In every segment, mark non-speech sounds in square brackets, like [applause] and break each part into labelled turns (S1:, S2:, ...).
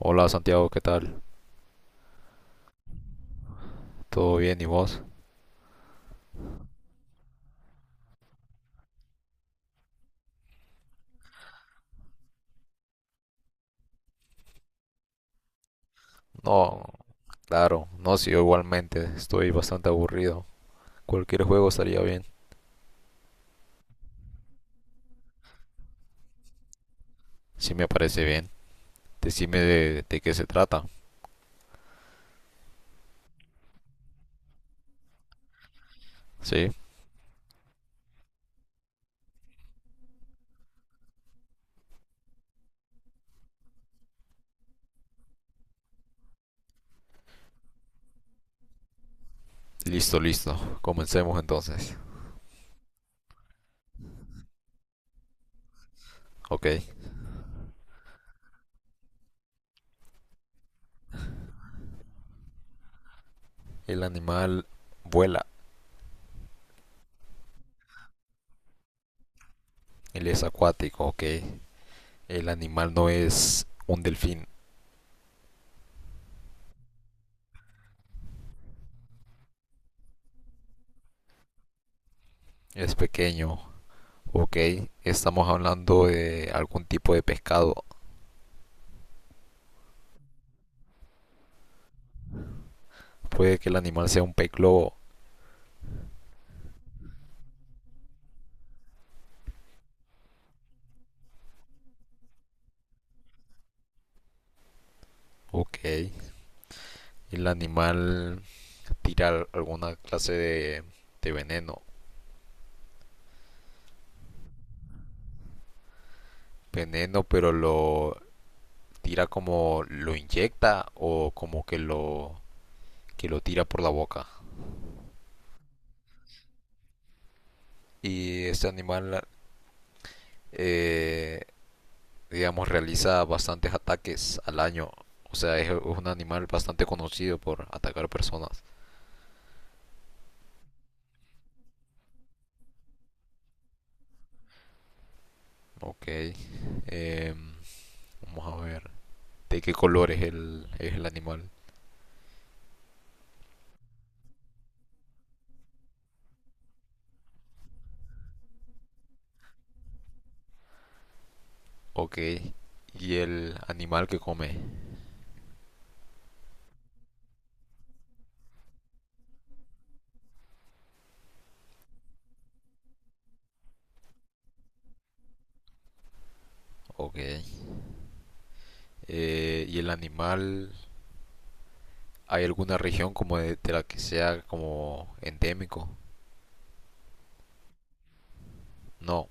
S1: Hola Santiago, ¿qué tal? ¿Todo bien y vos? No, claro, no, sí, yo igualmente, estoy bastante aburrido. Cualquier juego estaría bien. Sí, me parece bien, decime de qué se trata. Sí, listo, listo, comencemos entonces. Ok, el animal vuela, él es acuático, ok. El animal no es un delfín, es pequeño, ok. Estamos hablando de algún tipo de pescado. Puede que el animal sea un pez globo, ok. El animal tirar alguna clase de veneno. Veneno, pero lo tira como lo inyecta o como que lo tira por la boca. Y este animal eh, digamos realiza bastantes ataques al año. O sea, es un animal bastante conocido por atacar personas. Ok. Vamos a ver. ¿De qué color es es el animal? Ok. ¿Y el animal que come? Ok. ¿Y el animal? ¿Hay alguna región como de la que sea como endémico? No,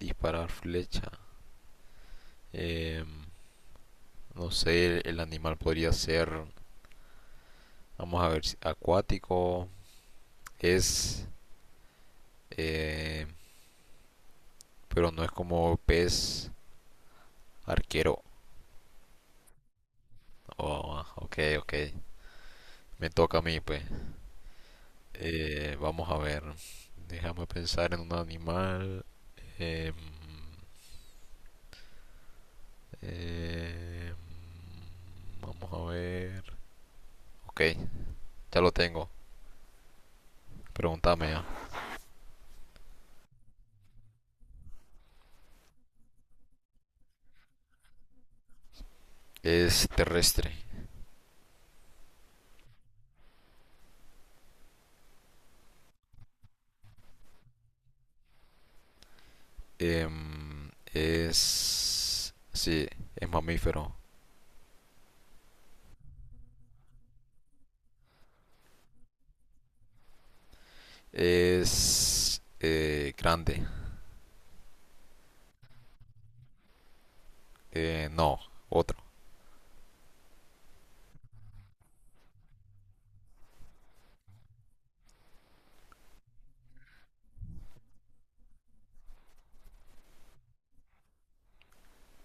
S1: disparar flecha. Em, no sé, el animal podría ser, vamos a ver, acuático. Es, eh, pero no es como pez arquero. Oh, ok, ok. Me toca a mí, pues. Vamos a ver. Déjame pensar en un animal. Em, eh, vamos a ver. Ok, ya lo tengo. Pregúntame. Es terrestre. Sí, es mamífero. Es grande. No, otro.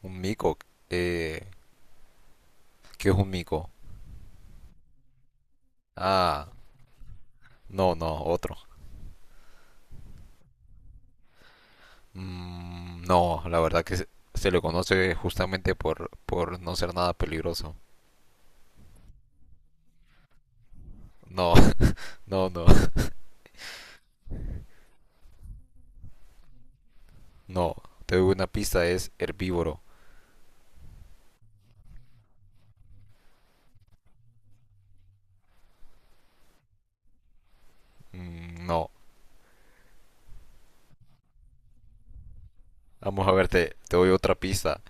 S1: Un mico. Eh, ¿Qué es un mico? Ah, no, no, otro. Mm, no, la verdad que se le conoce justamente por no ser nada peligroso. No, [laughs] no, no, no. Te doy una pista, es herbívoro. Mm, no. Vamos a ver, te doy otra pista.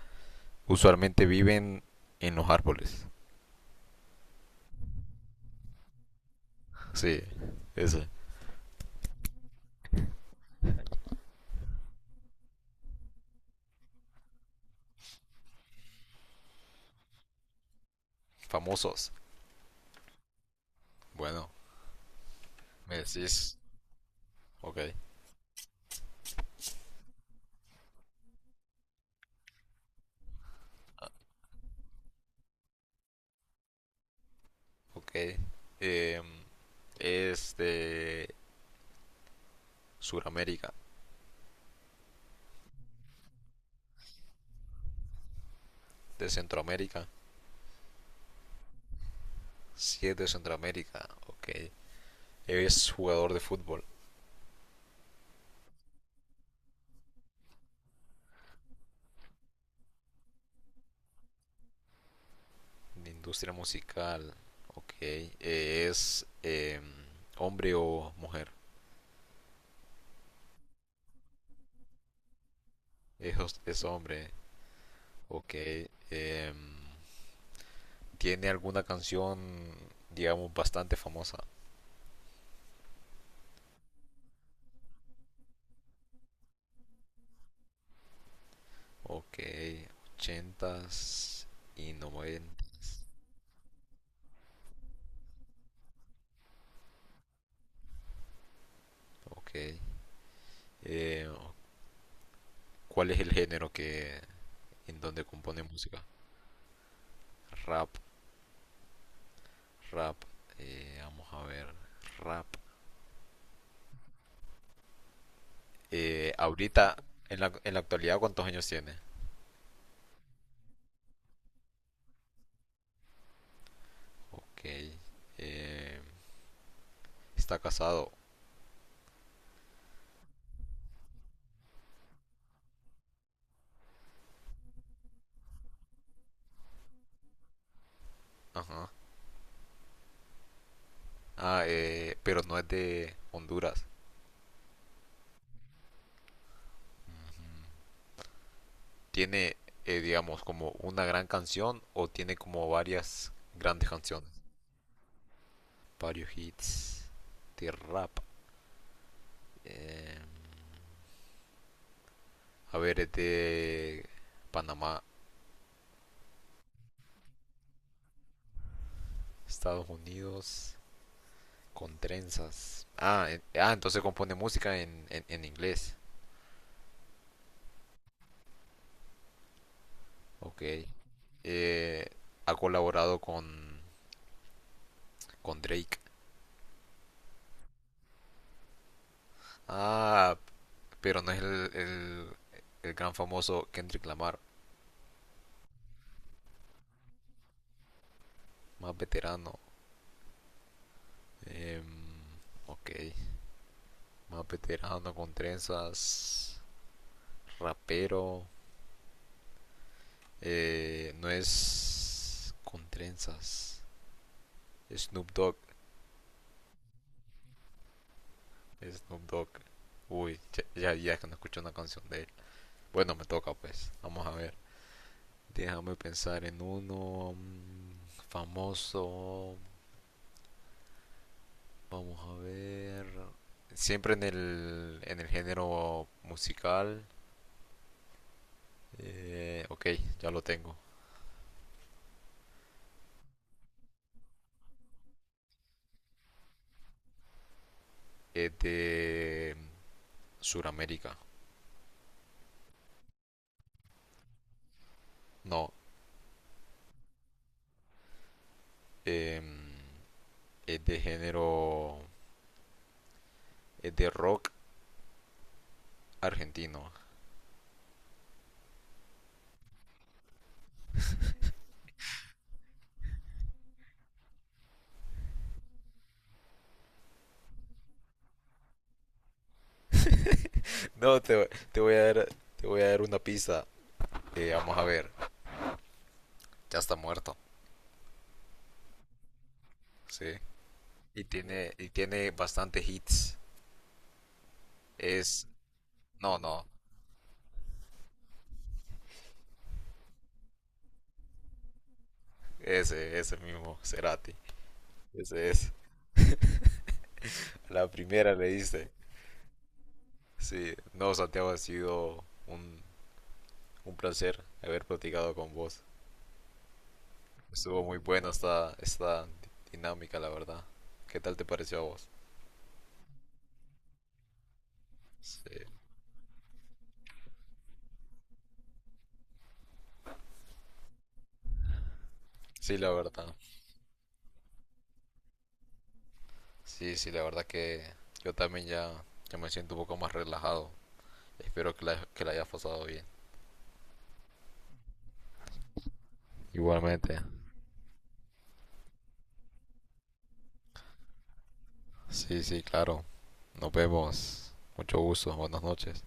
S1: Usualmente viven en los árboles. Sí, ese. Famosos. Bueno, me decís. Ok, ok. Em, es de Sudamérica, de Centroamérica. Sí, es de Centroamérica. Ok. Es jugador de fútbol, de industria musical. Ok. Es hombre o mujer. Es hombre. Ok. Em, tiene alguna canción, digamos, bastante famosa. Ok, ochentas y 90. Ok. Eh, ¿Cuál es el género que en donde compone música? Rap, rap. Vamos a ver, rap. Ahorita, en la actualidad, ¿cuántos años tiene? Ok. eh, está casado. Ajá. Ah, pero no es de Honduras. ¿Tiene, digamos, como una gran canción o tiene como varias grandes canciones? Varios hits de rap. Eh, a ver, es de Panamá, Estados Unidos, con trenzas. Ah, entonces compone música en inglés. Ok. Eh, ha colaborado con Drake. Ah, pero no es el gran famoso Kendrick Lamar, más veterano. Em, ok, más veterano con trenzas, rapero. No es con trenzas. Snoop Dogg, Snoop Dogg. Uy, ya, ya, ya que no escucho una canción de él. Bueno, me toca pues. Vamos a ver. Déjame pensar en uno famoso. Vamos a ver. Siempre en en el género musical. Ok, ya lo tengo. Es de Suramérica. No, em, es de género. Es de rock argentino. [laughs] No, te voy a dar una pista. Vamos a ver, ya está muerto, sí. Y tiene bastante hits. Es, no, no, ese mismo, Cerati. Ese es, la primera le dice. Sí, no, Santiago, ha sido un placer haber platicado con vos. Estuvo muy buena esta dinámica, la verdad. ¿Qué tal te pareció a vos? Sí, sí, la verdad. Sí, sí, la verdad que yo también ya, ya me siento un poco más relajado. Espero que la hayas pasado bien. Igualmente. Sí, sí, claro. Nos vemos. Mucho gusto. Buenas noches.